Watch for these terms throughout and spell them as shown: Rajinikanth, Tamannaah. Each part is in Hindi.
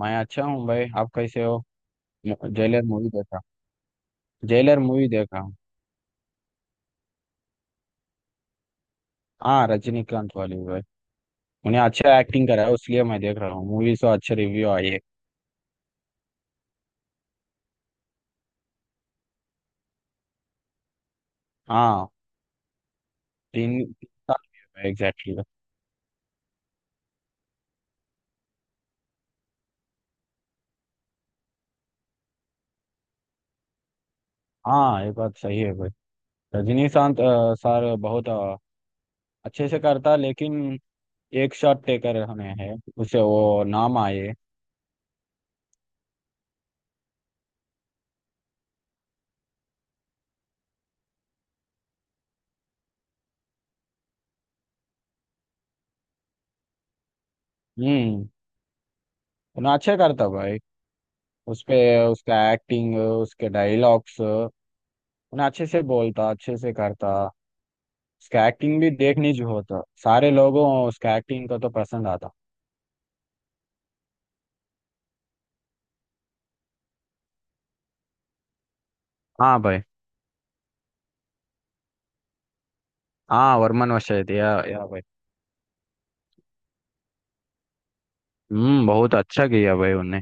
मैं अच्छा हूँ भाई। आप कैसे हो? जेलर मूवी देखा। जेलर मूवी देखा हूँ। हाँ रजनीकांत वाली भाई। उन्हें अच्छा एक्टिंग करा है इसलिए मैं देख रहा हूँ। मूवी से अच्छे रिव्यू आए। हाँ तीन साल एग्जैक्टली। हाँ ये बात सही है भाई। रजनीकांत सर बहुत अच्छे से करता लेकिन एक शॉट टेकर हमें है। उसे वो नाम आए। हम्म। उन्हें अच्छे करता भाई उसपे। उसका एक्टिंग उसके डायलॉग्स उन्हें अच्छे से बोलता अच्छे से करता। स्कैटिंग भी देखनी जो होता सारे लोगों स्कैटिंग को तो पसंद आता। हाँ भाई। हाँ वरमान वशायद या भाई। बहुत अच्छा किया भाई उन्हें।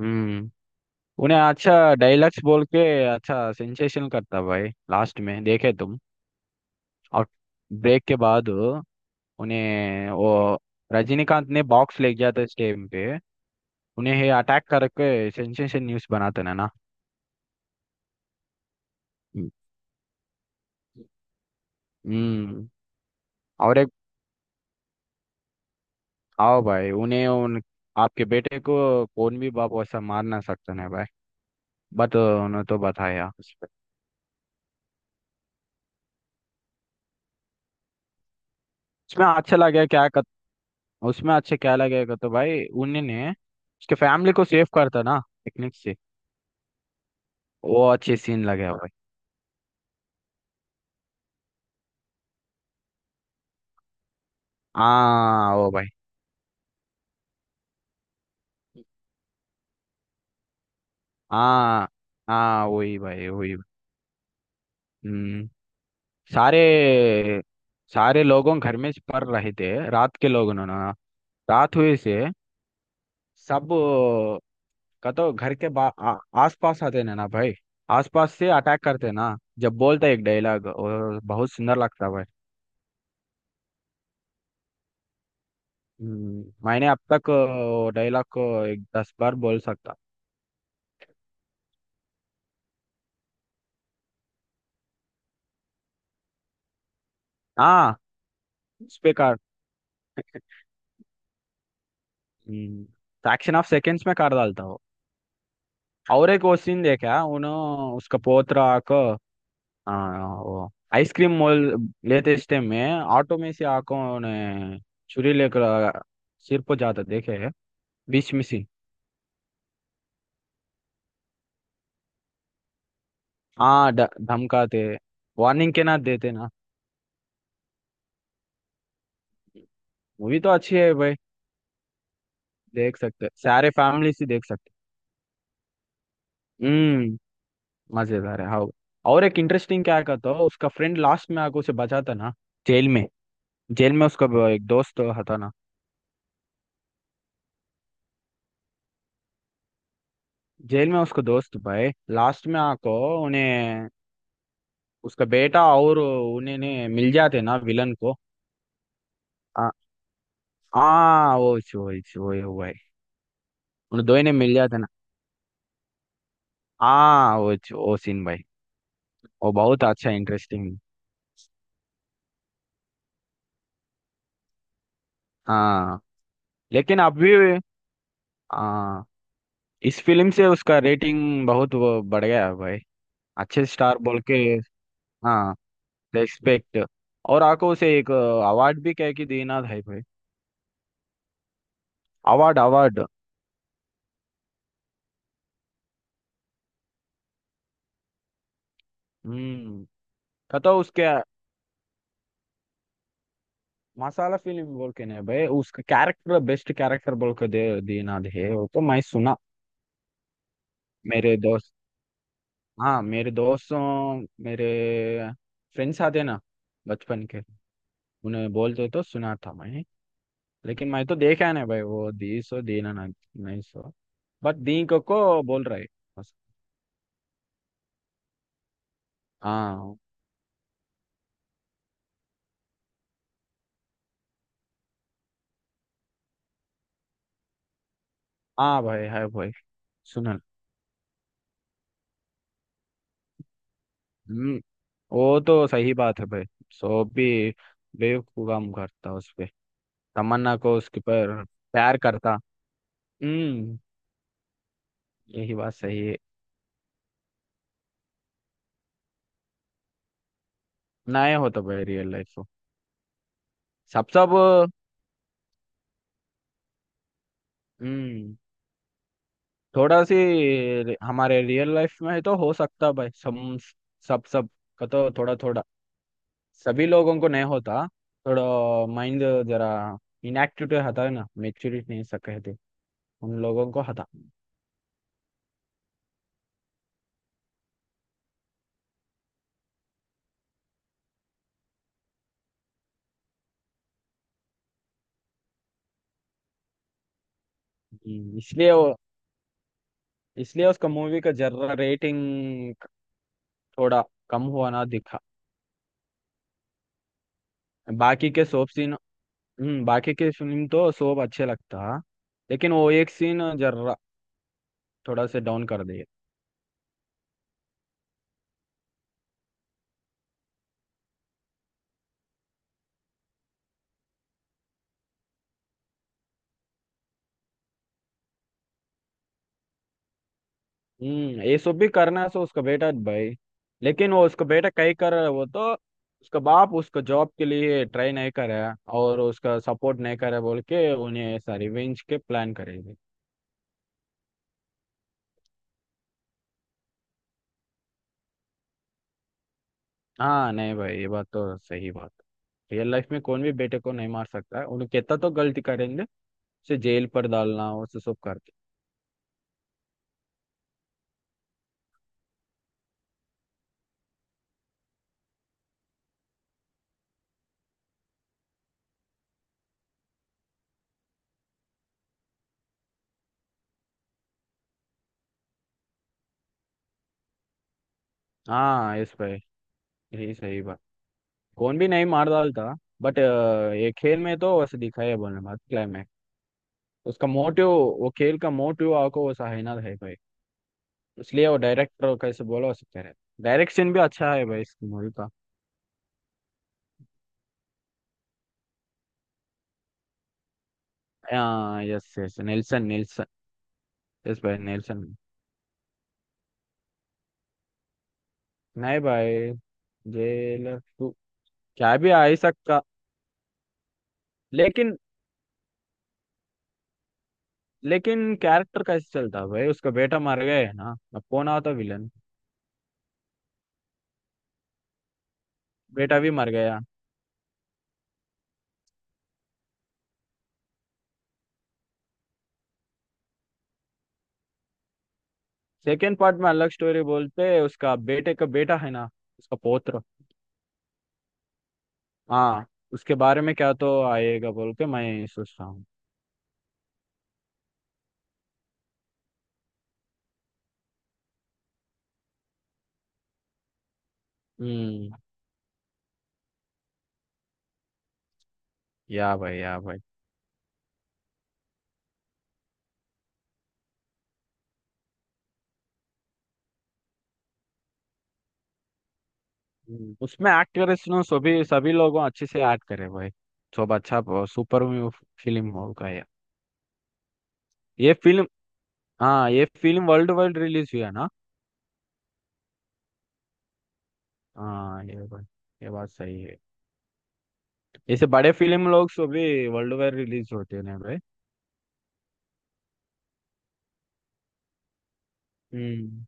हम्म। उन्हें अच्छा डायलॉग्स बोल के अच्छा सेंसेशन करता भाई लास्ट में देखे तुम। और ब्रेक के बाद उन्हें वो रजनीकांत ने बॉक्स ले गया था इस टाइम पे। उन्हें अटैक करके सेंसेशन न्यूज बनाते ना ना। हम्म। हम्म, और एक आओ भाई उन्हें उन आपके बेटे को कौन भी बाप वैसा मार ना सकते हैं भाई। बट उन्हें तो बताया उसपे। उसमें अच्छा लगे क्या कर। उसमें अच्छे क्या लगेगा तो भाई उन्होंने उसके फैमिली को सेव करता ना टेक्निक से। वो अच्छे सीन लगे भाई। हाँ वो भाई। हाँ, हाँ, वही भाई वही। हम्म। सारे सारे लोगों घर में पड़ रहे थे रात के लोगों ने ना। रात हुए से सब का तो घर के आस पास आते ना ना भाई। आस पास से अटैक करते ना जब बोलता है एक डायलॉग और बहुत सुंदर लगता है भाई। मैंने अब तक डायलॉग को एक दस बार बोल सकता। हाँ उस पे कर फ्रैक्शन ऑफ सेकेंड्स में कर डालता हो। और एक वो सीन देखा उन्होंने। उसका पोत्र आको आइसक्रीम मोल लेते इस टाइम में ऑटो में से आको ने छुरी लेकर सिर पर जाता देखे बीच में से। हाँ धमकाते। वार्निंग के ना देते ना। मूवी तो अच्छी है भाई। देख सकते सारे फैमिली से देख सकते। हम्म मजेदार है हाँ। और एक इंटरेस्टिंग क्या कहता हो उसका फ्रेंड लास्ट में आके उसे बचाता ना। जेल में। जेल में उसका वो एक दोस्त होता ना। जेल में उसका दोस्त भाई लास्ट में आको उन्हें। उसका बेटा और उन्हें ने मिल जाते ना विलन को। आ- हाँ वो वो वो भाई। उन दो ही ने मिल जाते ना। हाँ वो वो सीन भाई। वो बहुत अच्छा इंटरेस्टिंग। हाँ लेकिन अभी आ, इस फिल्म से उसका रेटिंग बहुत वो बढ़ गया है भाई। अच्छे स्टार बोल के। हाँ रेस्पेक्ट। और आको उसे एक अवार्ड भी कह के देना था भाई। Award, award. हम्म। कतो उसके मसाला फिल्म बोल के नहीं भाई। उसका कैरेक्टर बेस्ट कैरेक्टर बोल के दे देना है वो तो मैं सुना। मेरे दोस्त। हाँ मेरे दोस्तों मेरे फ्रेंड्स आते ना बचपन के। उन्हें बोलते तो सुना था मैं। लेकिन मैं तो देखा है ना भाई। वो दी सो दीना ना नहीं सो। बट दी को बोल रहा है। बस। हाँ। हाँ भाई है भाई। सुनल। हम्म वो तो सही बात है भाई। सो भी बेवकूफ काम करता उस पे। तमन्ना को उसके पर प्यार करता। हम्म यही बात सही है। नए हो तो भाई रियल लाइफ हो। सब सब। हम्म थोड़ा सी। हमारे रियल लाइफ में तो हो सकता भाई सब। सब सब। का तो थोड़ा थोड़ा सभी लोगों को नहीं होता। थोड़ा माइंड जरा इनएक्टिव होता है ना मेच्योरिटी नहीं सक कहते उन लोगों को हता। इसलिए वो इसलिए उसका मूवी का जरा रेटिंग थोड़ा कम हुआ ना दिखा। बाकी के सोप सीन। बाकी के फिल्म तो सोप अच्छे लगता लेकिन वो एक सीन जरा थोड़ा से डाउन कर दे। ये सब भी करना है सो उसका बेटा भाई। लेकिन वो उसका बेटा कई कर रहा है। वो तो उसका बाप उसका जॉब के लिए ट्राई नहीं कर रहा है और उसका सपोर्ट नहीं कर रहा है बोल के उन्हें ऐसा रिवेंज के प्लान करेगी। हाँ नहीं भाई ये बात तो सही बात है। रियल लाइफ में कौन भी बेटे को नहीं मार सकता है। उन्हें कितना तो गलती करेंगे उसे जेल पर डालना उसे सब करते। हाँ इस भाई यही सही बात। कौन भी नहीं मार डालता। बट ये खेल में तो वैसे दिखाया बोलने बात क्लाइमैक्स। उसका मोटिव वो खेल का मोटिव आपको वो सहना है भाई। इसलिए वो डायरेक्टर कैसे बोला सकते हैं। डायरेक्शन भी अच्छा है भाई इस मूवी का। हाँ yes yes Nelson, Nelson. Yes भाई नेल्सन। नहीं भाई। जेलर टू क्या भी आ ही सकता। लेकिन लेकिन कैरेक्टर कैसे चलता भाई? उसका बेटा मर गया है ना अब कौन आता विलन। बेटा भी मर गया। सेकेंड पार्ट में अलग स्टोरी बोलते उसका बेटे का बेटा है ना। उसका पोत्र। हाँ। उसके बारे में क्या तो आएगा बोल के मैं सोच रहा हूँ। हम्म। या भाई, या भाई। उसमें एक्ट करे सुनो सभी सभी लोगों अच्छे से एक्ट करे भाई। सब अच्छा सुपर फिल्म होगा ये। ये फिल्म। हाँ ये फिल्म वर्ल्ड वाइड रिलीज हुआ ना। हाँ ये भाई ये बात सही है। ऐसे बड़े फिल्म लोग सभी वर्ल्ड वाइड रिलीज होते हैं भाई। हम्म।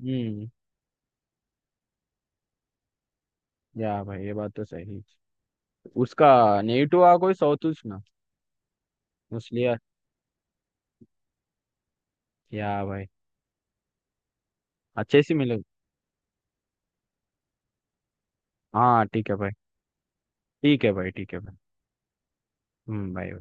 हम्म या भाई ये बात तो सही। उसका नेटिव आ कोई साउथ ना। उसलिए या भाई। अच्छे से मिले। हाँ ठीक है भाई। ठीक है भाई, ठीक है भाई। भाई।